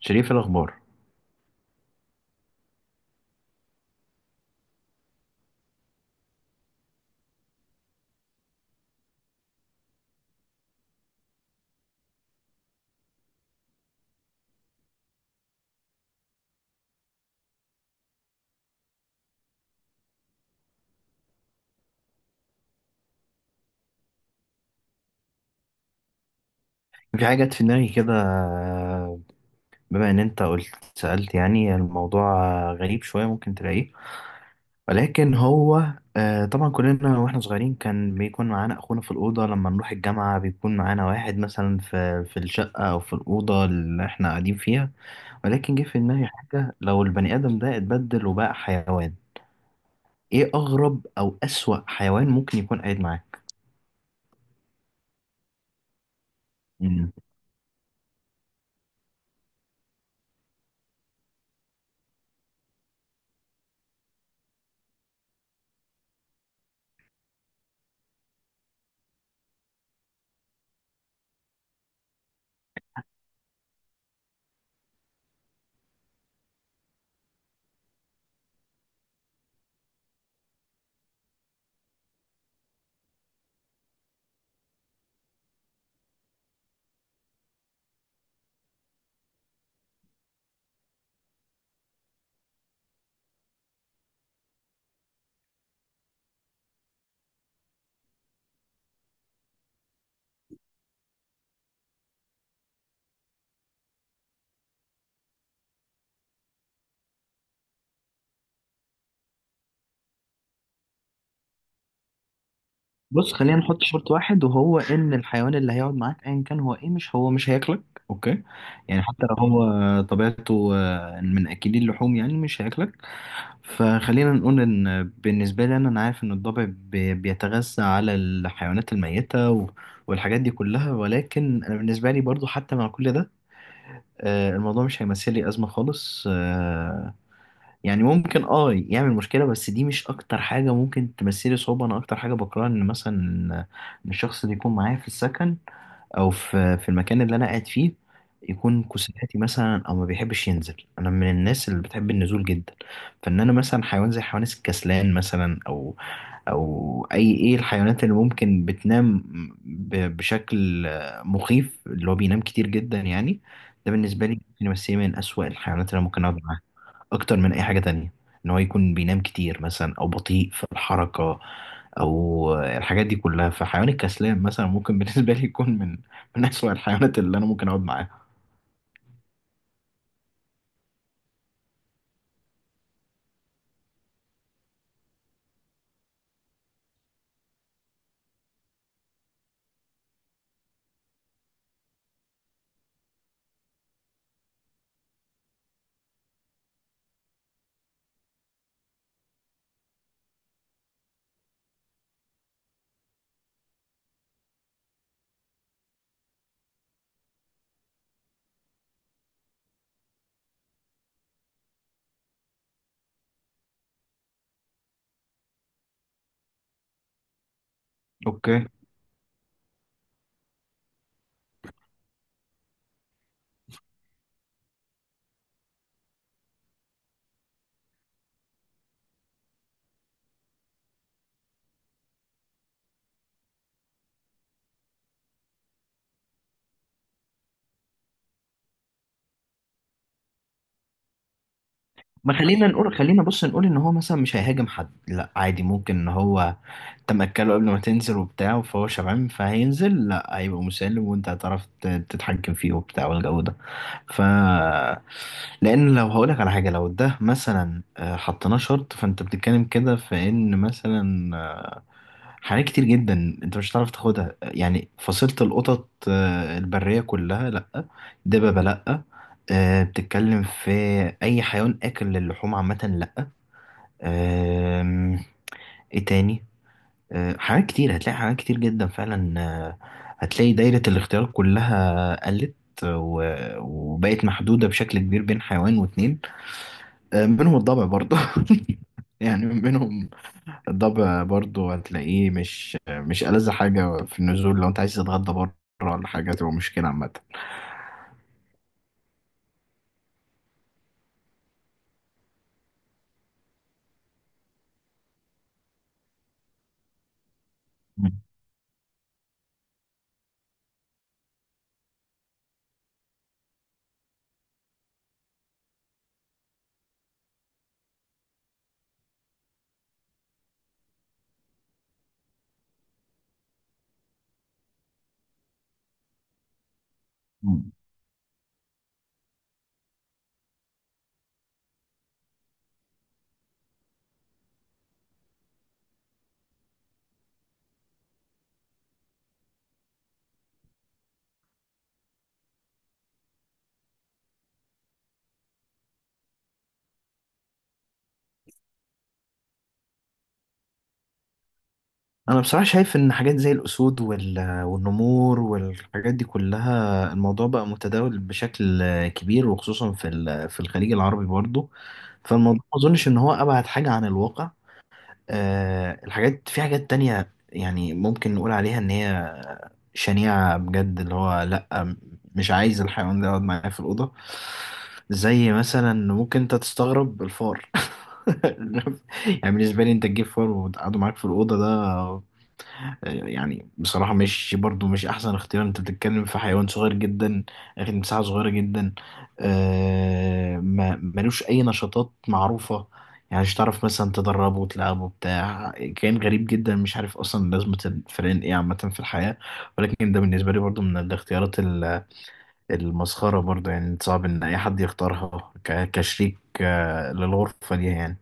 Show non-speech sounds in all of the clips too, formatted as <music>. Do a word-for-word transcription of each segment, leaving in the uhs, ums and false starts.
شريف الأخبار. في حاجة جت في دماغي كده، بما إن أنت قلت سألت. يعني الموضوع غريب شوية، ممكن تلاقيه، ولكن هو آه، طبعا كلنا وإحنا صغيرين كان بيكون معانا أخونا في الأوضة، لما نروح الجامعة بيكون معانا واحد مثلا في في الشقة أو في الأوضة اللي إحنا قاعدين فيها. ولكن جه في دماغي حاجة، لو البني آدم ده اتبدل وبقى حيوان، إيه أغرب أو أسوأ حيوان ممكن يكون قاعد معاك؟ بص، خلينا نحط شرط واحد، وهو ان الحيوان اللي هيقعد معاك ايا كان هو ايه، مش، هو مش هياكلك. اوكي؟ يعني حتى لو هو طبيعته آه، من اكلي اللحوم، يعني مش هياكلك. فخلينا نقول ان بالنسبه لي، انا انا عارف ان الضبع بي- بيتغذى على الحيوانات الميته و- والحاجات دي كلها، ولكن انا بالنسبه لي برضو حتى مع كل ده آه، الموضوع مش هيمثل لي ازمه خالص. آه، يعني ممكن اه يعمل مشكلة، بس دي مش أكتر حاجة ممكن تمثلي صعوبة. أنا أكتر حاجة بكرهها إن مثلا إن الشخص اللي يكون معايا في السكن أو في في المكان اللي أنا قاعد فيه يكون كسلاتي مثلا، أو ما بيحبش ينزل. أنا من الناس اللي بتحب النزول جدا، فإن أنا مثلا حيوان زي حيوان الكسلان مثلا، أو أو أي، إيه الحيوانات اللي ممكن بتنام ب- بشكل مخيف، اللي هو بينام كتير جدا يعني. ده بالنسبة لي ممكن يمثلني من أسوأ الحيوانات اللي أنا ممكن أقعد معاها اكتر من اي حاجة تانية، ان هو يكون بينام كتير مثلا، او بطيء في الحركة، او الحاجات دي كلها. فحيوان الكسلان مثلا ممكن بالنسبة لي يكون من من اسوأ الحيوانات اللي انا ممكن اقعد معاها. اوكي. ما خلينا نقول، خلينا بص نقول ان هو مثلا مش هيهاجم حد، لا عادي، ممكن ان هو، انت مأكله قبل ما تنزل وبتاع، فهو شبعان فهينزل، لا، هيبقى مسالم وانت هتعرف ت- تتحكم فيه وبتاع والجو ده. ف، لان لو هقولك على حاجه، لو ده مثلا آه، حطيناه شرط، فانت بتتكلم كده في ان مثلا حاجات كتير جدا انت مش هتعرف تاخدها. يعني فصيلة القطط آه، البرية كلها لأ، دببة لأ، آه، بتتكلم في أي حيوان آكل للحوم عامة لأ. آم، ايه تاني؟ آه، حاجات كتير، هتلاقي حاجات كتير جدا فعلا. آه، هتلاقي دايرة الاختيار كلها قلت و- وبقت محدودة بشكل كبير بين حيوان واتنين. آه، منهم الضبع برضه. <laughs> يعني منهم الضبع برضو، هتلاقيه مش، مش ألذ حاجة في النزول لو أنت عايز تتغدى بره، ولا حاجة تبقى مشكلة عامة. مم. مم. أنا بصراحة شايف إن حاجات زي الأسود وال… والنمور والحاجات دي كلها، الموضوع بقى متداول بشكل كبير، وخصوصا في ال… في الخليج العربي برضو. فالموضوع ما أظنش إن هو أبعد حاجة عن الواقع. آه، الحاجات، في حاجات تانية يعني ممكن نقول عليها إن هي شنيعة بجد، اللي هو لأ، مش عايز الحيوان ده يقعد معايا في الأوضة. زي مثلا، ممكن أنت تستغرب الفار. <laughs> يعني بالنسبة لي، أنت تجيب فار وتقعده معاك في الأوضة، ده يعني بصراحة مش، برضو مش أحسن اختيار. أنت بتتكلم في حيوان صغير جدا، أخد مساحة صغيرة جدا، آه ما ملوش أي نشاطات معروفة، يعني مش تعرف مثلا تدربه وتلعبه بتاع كائن غريب جدا، مش عارف أصلا لازمة الفئران إيه عامة في الحياة. ولكن ده بالنسبة لي برضو من الاختيارات ال- المسخرة برضو، يعني صعب إن أي حد يختارها ك- كشريك آه، للغرفة دي يعني.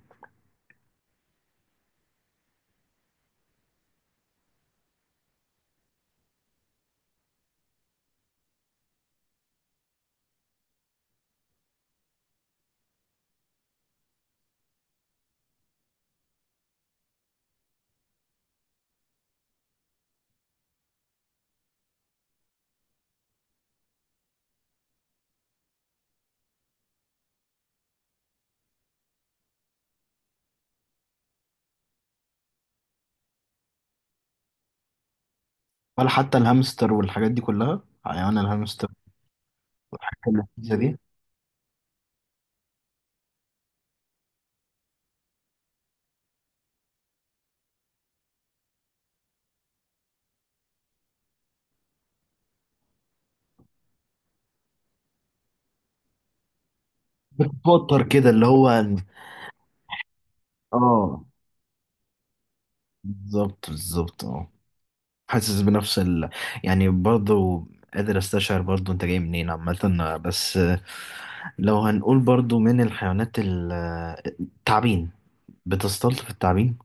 ولا حتى الهامستر والحاجات دي كلها، حيوان الهامستر والحاجات اللذيذة دي. بتتوتر كده اللي هو، اه، بالظبط بالظبط، اه، حاسس بنفس ال… يعني برضو قادر استشعر برضو انت جاي منين عامة. بس لو هنقول برضو من الحيوانات ال- التعابين، بتستلطف التعابين؟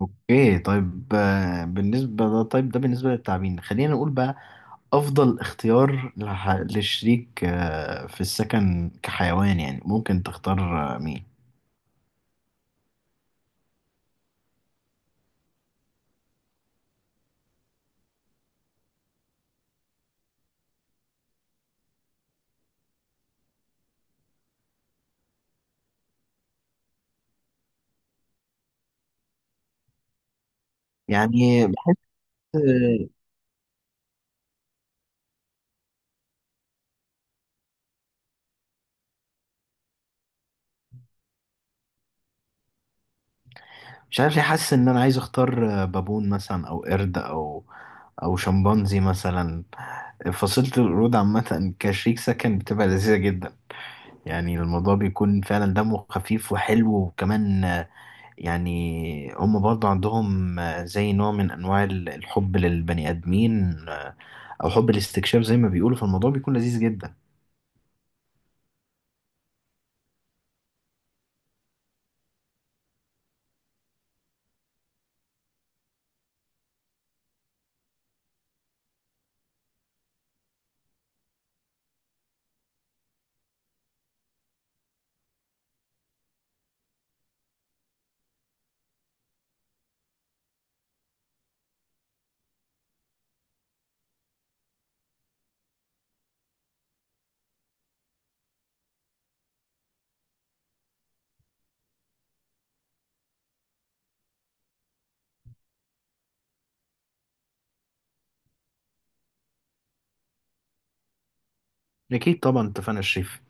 اوكي، طيب آه، بالنسبة ده، طيب ده بالنسبة للتعابين. خلينا نقول بقى أفضل اختيار لح... لشريك آه، في السكن كحيوان، يعني ممكن تختار آه، مين؟ يعني بحس، مش عارف ليه حاسس ان انا عايز اختار آه، بابون مثلا، او قرد، او او شمبانزي مثلا. فصيلة القرود عامة كشريك سكن بتبقى لذيذة جدا، يعني الموضوع بيكون فعلا دمه خفيف وحلو، وكمان آه، يعني هم برضه عندهم آه، زي نوع من انواع ال- الحب للبني ادمين، آه، او حب الاستكشاف زي ما بيقولوا. فالموضوع بيكون لذيذ جدا. اكيد طبعا، اتفقنا يا شريف.